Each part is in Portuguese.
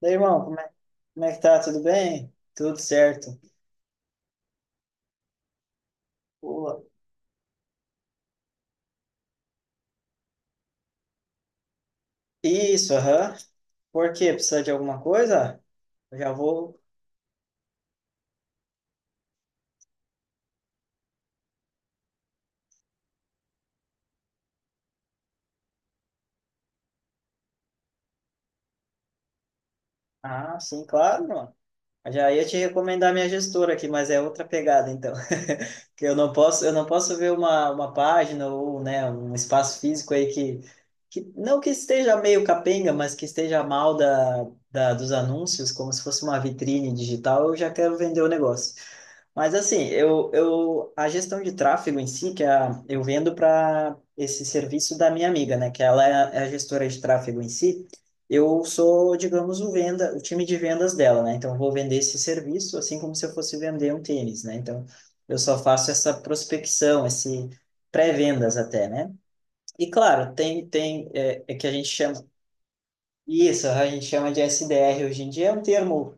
Daí, irmão, como é que tá? Tudo bem? Tudo certo. Boa. Isso, aham. Por quê? Precisa de alguma coisa? Eu já vou. Ah, sim, claro, mano. Eu já ia te recomendar minha gestora aqui, mas é outra pegada, então. Que eu não posso ver uma página ou, né, um espaço físico aí que não que esteja meio capenga, mas que esteja mal dos anúncios, como se fosse uma vitrine digital, eu já quero vender o negócio. Mas assim, eu, a gestão de tráfego em si, que é a, eu vendo para esse serviço da minha amiga, né, que ela é a gestora de tráfego em si, eu sou, digamos, o venda, o time de vendas dela, né? Então eu vou vender esse serviço assim como se eu fosse vender um tênis, né? Então eu só faço essa prospecção, esse pré-vendas até, né? E claro, tem é que a gente chama isso, a gente chama de SDR hoje em dia, é um termo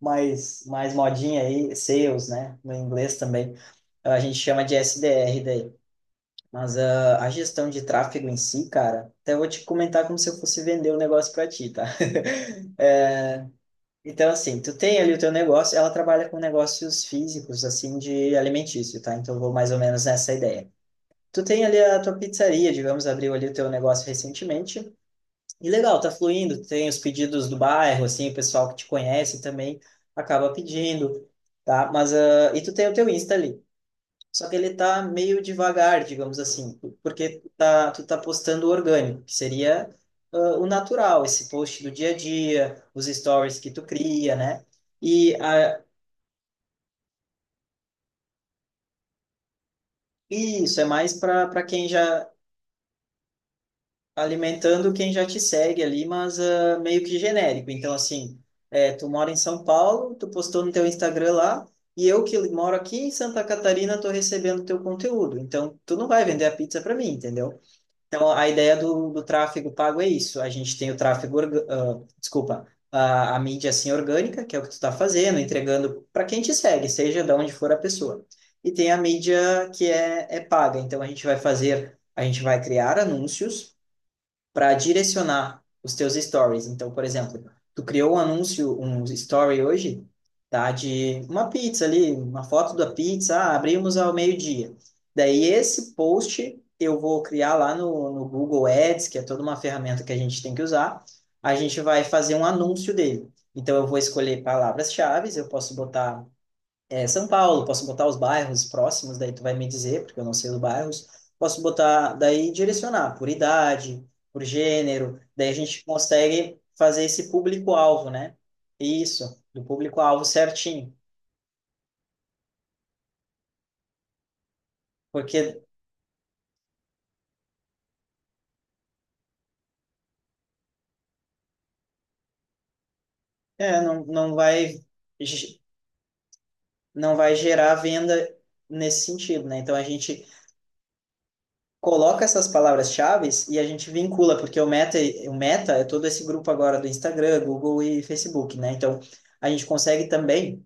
mais modinha aí, sales, né? No inglês também. A gente chama de SDR daí. Mas a gestão de tráfego em si, cara, até vou te comentar como se eu fosse vender o negócio para ti, tá? Então, assim, tu tem ali o teu negócio, ela trabalha com negócios físicos, assim, de alimentício, tá? Então, eu vou mais ou menos nessa ideia. Tu tem ali a tua pizzaria, digamos, abriu ali o teu negócio recentemente, e legal, tá fluindo. Tem os pedidos do bairro, assim, o pessoal que te conhece também acaba pedindo, tá? Mas, e tu tem o teu Insta ali. Só que ele tá meio devagar, digamos assim, porque tu tá postando o orgânico, que seria, o natural, esse post do dia a dia, os stories que tu cria, né? E isso é mais para quem já alimentando quem já te segue ali, mas meio que genérico. Então, assim, é, tu mora em São Paulo, tu postou no teu Instagram lá, e eu que moro aqui em Santa Catarina tô recebendo teu conteúdo. Então, tu não vai vender a pizza para mim, entendeu? Então, a ideia do tráfego pago é isso. A gente tem o tráfego, desculpa, a mídia assim orgânica, que é o que tu tá fazendo, entregando para quem te segue, seja de onde for a pessoa. E tem a mídia que é paga. Então, a gente vai fazer, a gente vai criar anúncios para direcionar os teus stories. Então, por exemplo, tu criou um anúncio, um story hoje, tá? De uma pizza ali, uma foto da pizza, abrimos ao meio-dia. Daí, esse post eu vou criar lá no Google Ads, que é toda uma ferramenta que a gente tem que usar. A gente vai fazer um anúncio dele. Então, eu vou escolher palavras-chave, eu posso botar São Paulo, posso botar os bairros próximos, daí tu vai me dizer, porque eu não sei os bairros. Posso botar, daí direcionar por idade, por gênero, daí a gente consegue fazer esse público-alvo, né? Isso, do público-alvo certinho, porque não, não vai ge- não vai gerar venda nesse sentido, né? Então a gente coloca essas palavras-chave e a gente vincula, porque o meta é todo esse grupo agora do Instagram, Google e Facebook, né? Então a gente consegue também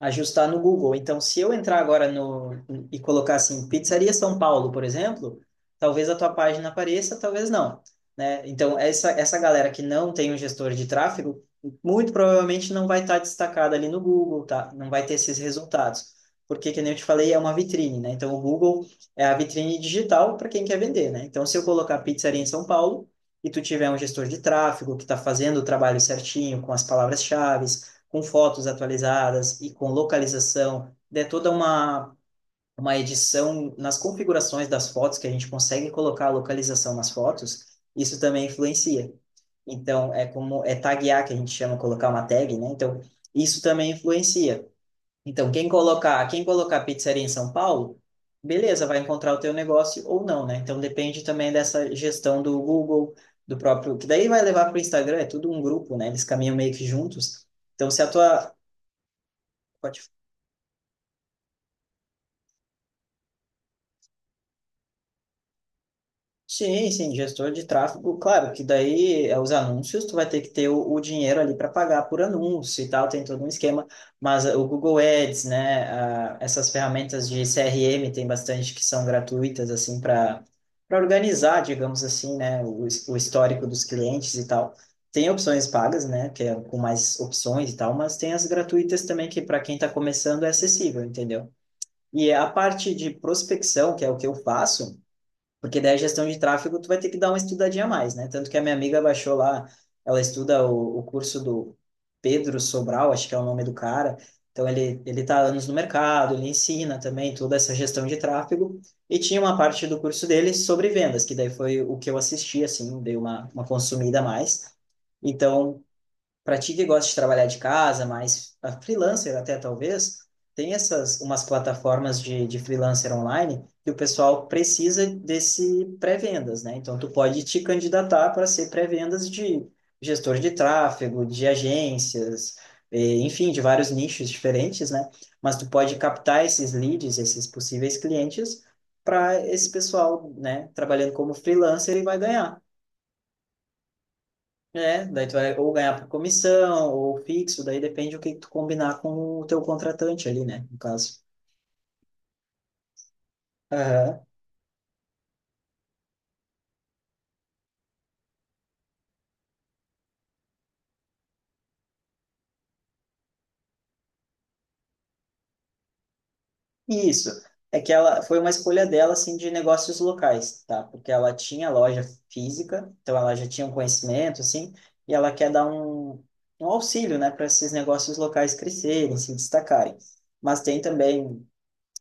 ajustar no Google. Então, se eu entrar agora no e colocar assim, Pizzaria São Paulo, por exemplo, talvez a tua página apareça, talvez não, né? Então, essa galera que não tem um gestor de tráfego, muito provavelmente não vai estar destacada ali no Google, tá? Não vai ter esses resultados. Porque, que nem eu te falei, é uma vitrine, né? Então, o Google é a vitrine digital para quem quer vender, né? Então, se eu colocar pizzaria em São Paulo e tu tiver um gestor de tráfego que está fazendo o trabalho certinho com as palavras-chave, com fotos atualizadas e com localização, é toda uma edição nas configurações das fotos, que a gente consegue colocar a localização nas fotos, isso também influencia. Então, é como é taguear, que a gente chama colocar uma tag, né? Então, isso também influencia. Então, quem colocar pizzaria em São Paulo, beleza, vai encontrar o teu negócio ou não, né? Então, depende também dessa gestão do Google, do próprio, que daí vai levar para o Instagram, é tudo um grupo, né? Eles caminham meio que juntos. Então, se a tua, pode- sim, sim, gestor de tráfego, claro que daí é os anúncios, tu vai ter que ter o dinheiro ali para pagar por anúncio e tal, tem todo um esquema, mas o Google Ads, né, essas ferramentas de CRM tem bastante que são gratuitas, assim, para organizar, digamos assim, né, o histórico dos clientes e tal. Tem opções pagas, né, que é com mais opções e tal, mas tem as gratuitas também que para quem está começando é acessível, entendeu? E a parte de prospecção, que é o que eu faço, porque daí a gestão de tráfego tu vai ter que dar uma estudadinha a mais, né? Tanto que a minha amiga baixou lá, ela estuda o curso do Pedro Sobral, acho que é o nome do cara. Então ele tá há anos no mercado, ele ensina também toda essa gestão de tráfego e tinha uma parte do curso dele sobre vendas, que daí foi o que eu assisti assim, dei uma consumida a mais. Então, para ti que gosta de trabalhar de casa, mas a freelancer até talvez, tem essas umas plataformas de freelancer online que o pessoal precisa desse pré-vendas, né? Então tu pode te candidatar para ser pré-vendas de gestor de tráfego, de agências, enfim, de vários nichos diferentes, né? Mas tu pode captar esses leads, esses possíveis clientes para esse pessoal, né, trabalhando como freelancer e vai ganhar. É, daí tu vai ou ganhar por comissão, ou fixo, daí depende do que tu combinar com o teu contratante ali, né, no caso. Aham. Isso. É que ela foi uma escolha dela, assim, de negócios locais, tá? Porque ela tinha loja física, então ela já tinha um conhecimento, assim, e ela quer dar um auxílio, né, para esses negócios locais crescerem, se destacarem. Mas tem também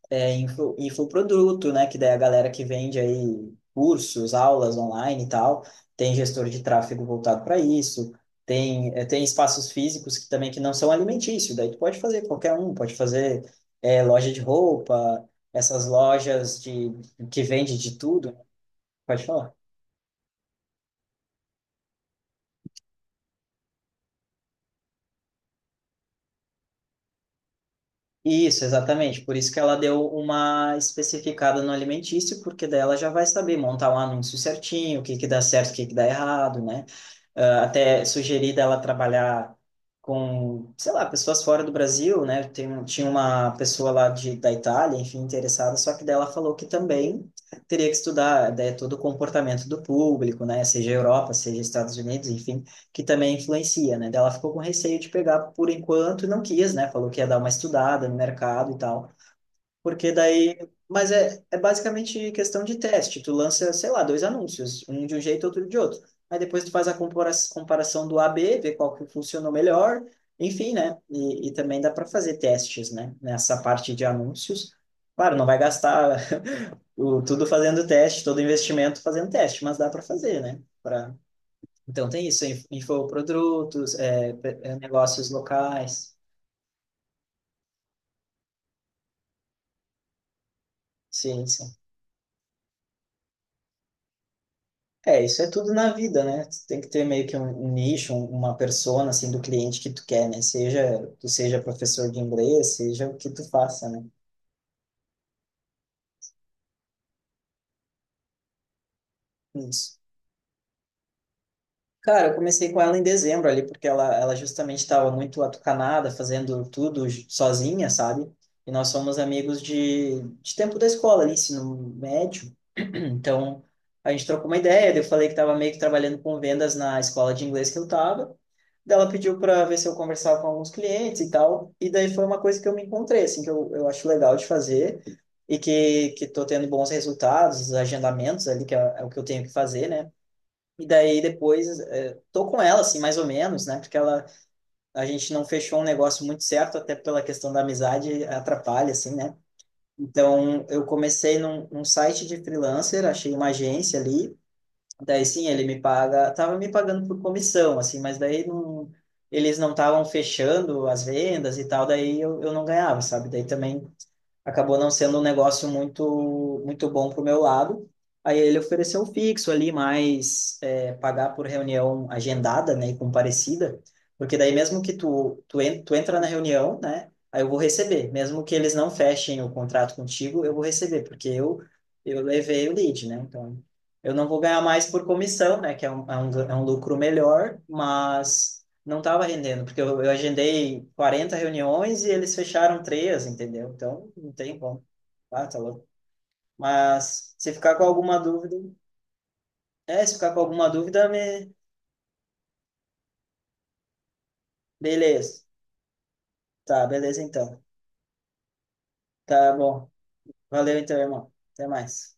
infoproduto, né? Que daí a galera que vende aí cursos, aulas online e tal, tem gestor de tráfego voltado para isso, tem espaços físicos que também que não são alimentícios, daí tu pode fazer qualquer um, pode fazer loja de roupa, essas lojas de, que vende de tudo, pode falar. Isso, exatamente. Por isso que ela deu uma especificada no alimentício, porque daí ela já vai saber montar um anúncio certinho, o que que dá certo, o que que dá errado, né? Ah, até sugeri dela trabalhar com, sei lá, pessoas fora do Brasil, né? Tem, tinha uma pessoa lá de, da Itália, enfim, interessada, só que daí ela falou que também teria que estudar, né, todo o comportamento do público, né? Seja Europa, seja Estados Unidos, enfim, que também influencia, né? Daí ela ficou com receio de pegar por enquanto e não quis, né? Falou que ia dar uma estudada no mercado e tal. Porque daí. Mas é, é basicamente questão de teste. Tu lança, sei lá, dois anúncios, um de um jeito, outro de outro. Aí depois tu faz a comparação do A/B ver qual que funcionou melhor. Enfim, né? E também dá para fazer testes, né? Nessa parte de anúncios. Claro, não vai gastar o, tudo fazendo teste, todo investimento fazendo teste, mas dá para fazer, né? Pra... Então tem isso, infoprodutos, negócios locais. Sim, sim. É, isso é tudo na vida, né? Tu tem que ter meio que um nicho, uma persona, assim, do cliente que tu quer, né? Seja tu seja professor de inglês, seja o que tu faça, né? Isso. Cara, eu comecei com ela em dezembro ali, porque ela justamente estava muito atucanada, fazendo tudo sozinha, sabe? E nós somos amigos de tempo da escola ali, ensino médio. Então, a gente trocou uma ideia, daí eu falei que estava meio que trabalhando com vendas na escola de inglês que eu estava. Daí ela pediu para ver se eu conversava com alguns clientes e tal. E daí foi uma coisa que eu me encontrei, assim, que eu acho legal de fazer e que tô tendo bons resultados, os agendamentos ali, que é, é o que eu tenho que fazer, né? E daí depois tô com ela, assim, mais ou menos, né? Porque ela, a gente não fechou um negócio muito certo, até pela questão da amizade, atrapalha, assim, né? Então, eu comecei num site de freelancer, achei uma agência ali. Daí, sim, ele me paga, tava me pagando por comissão, assim, mas daí não, eles não estavam fechando as vendas e tal, daí eu não ganhava, sabe? Daí também acabou não sendo um negócio muito muito bom para o meu lado. Aí ele ofereceu um fixo ali, mas é, pagar por reunião agendada, né, e comparecida, porque daí mesmo que tu entra na reunião, né, aí eu vou receber, mesmo que eles não fechem o contrato contigo, eu vou receber, porque eu levei o lead, né, então eu não vou ganhar mais por comissão, né, que é um lucro melhor, mas não estava rendendo, porque eu agendei 40 reuniões e eles fecharam três, entendeu? Então, não tem como. Ah, tá louco. Mas se ficar com alguma dúvida, é, se ficar com alguma dúvida, me... beleza. Tá, beleza então. Tá bom. Valeu então, irmão. Até mais.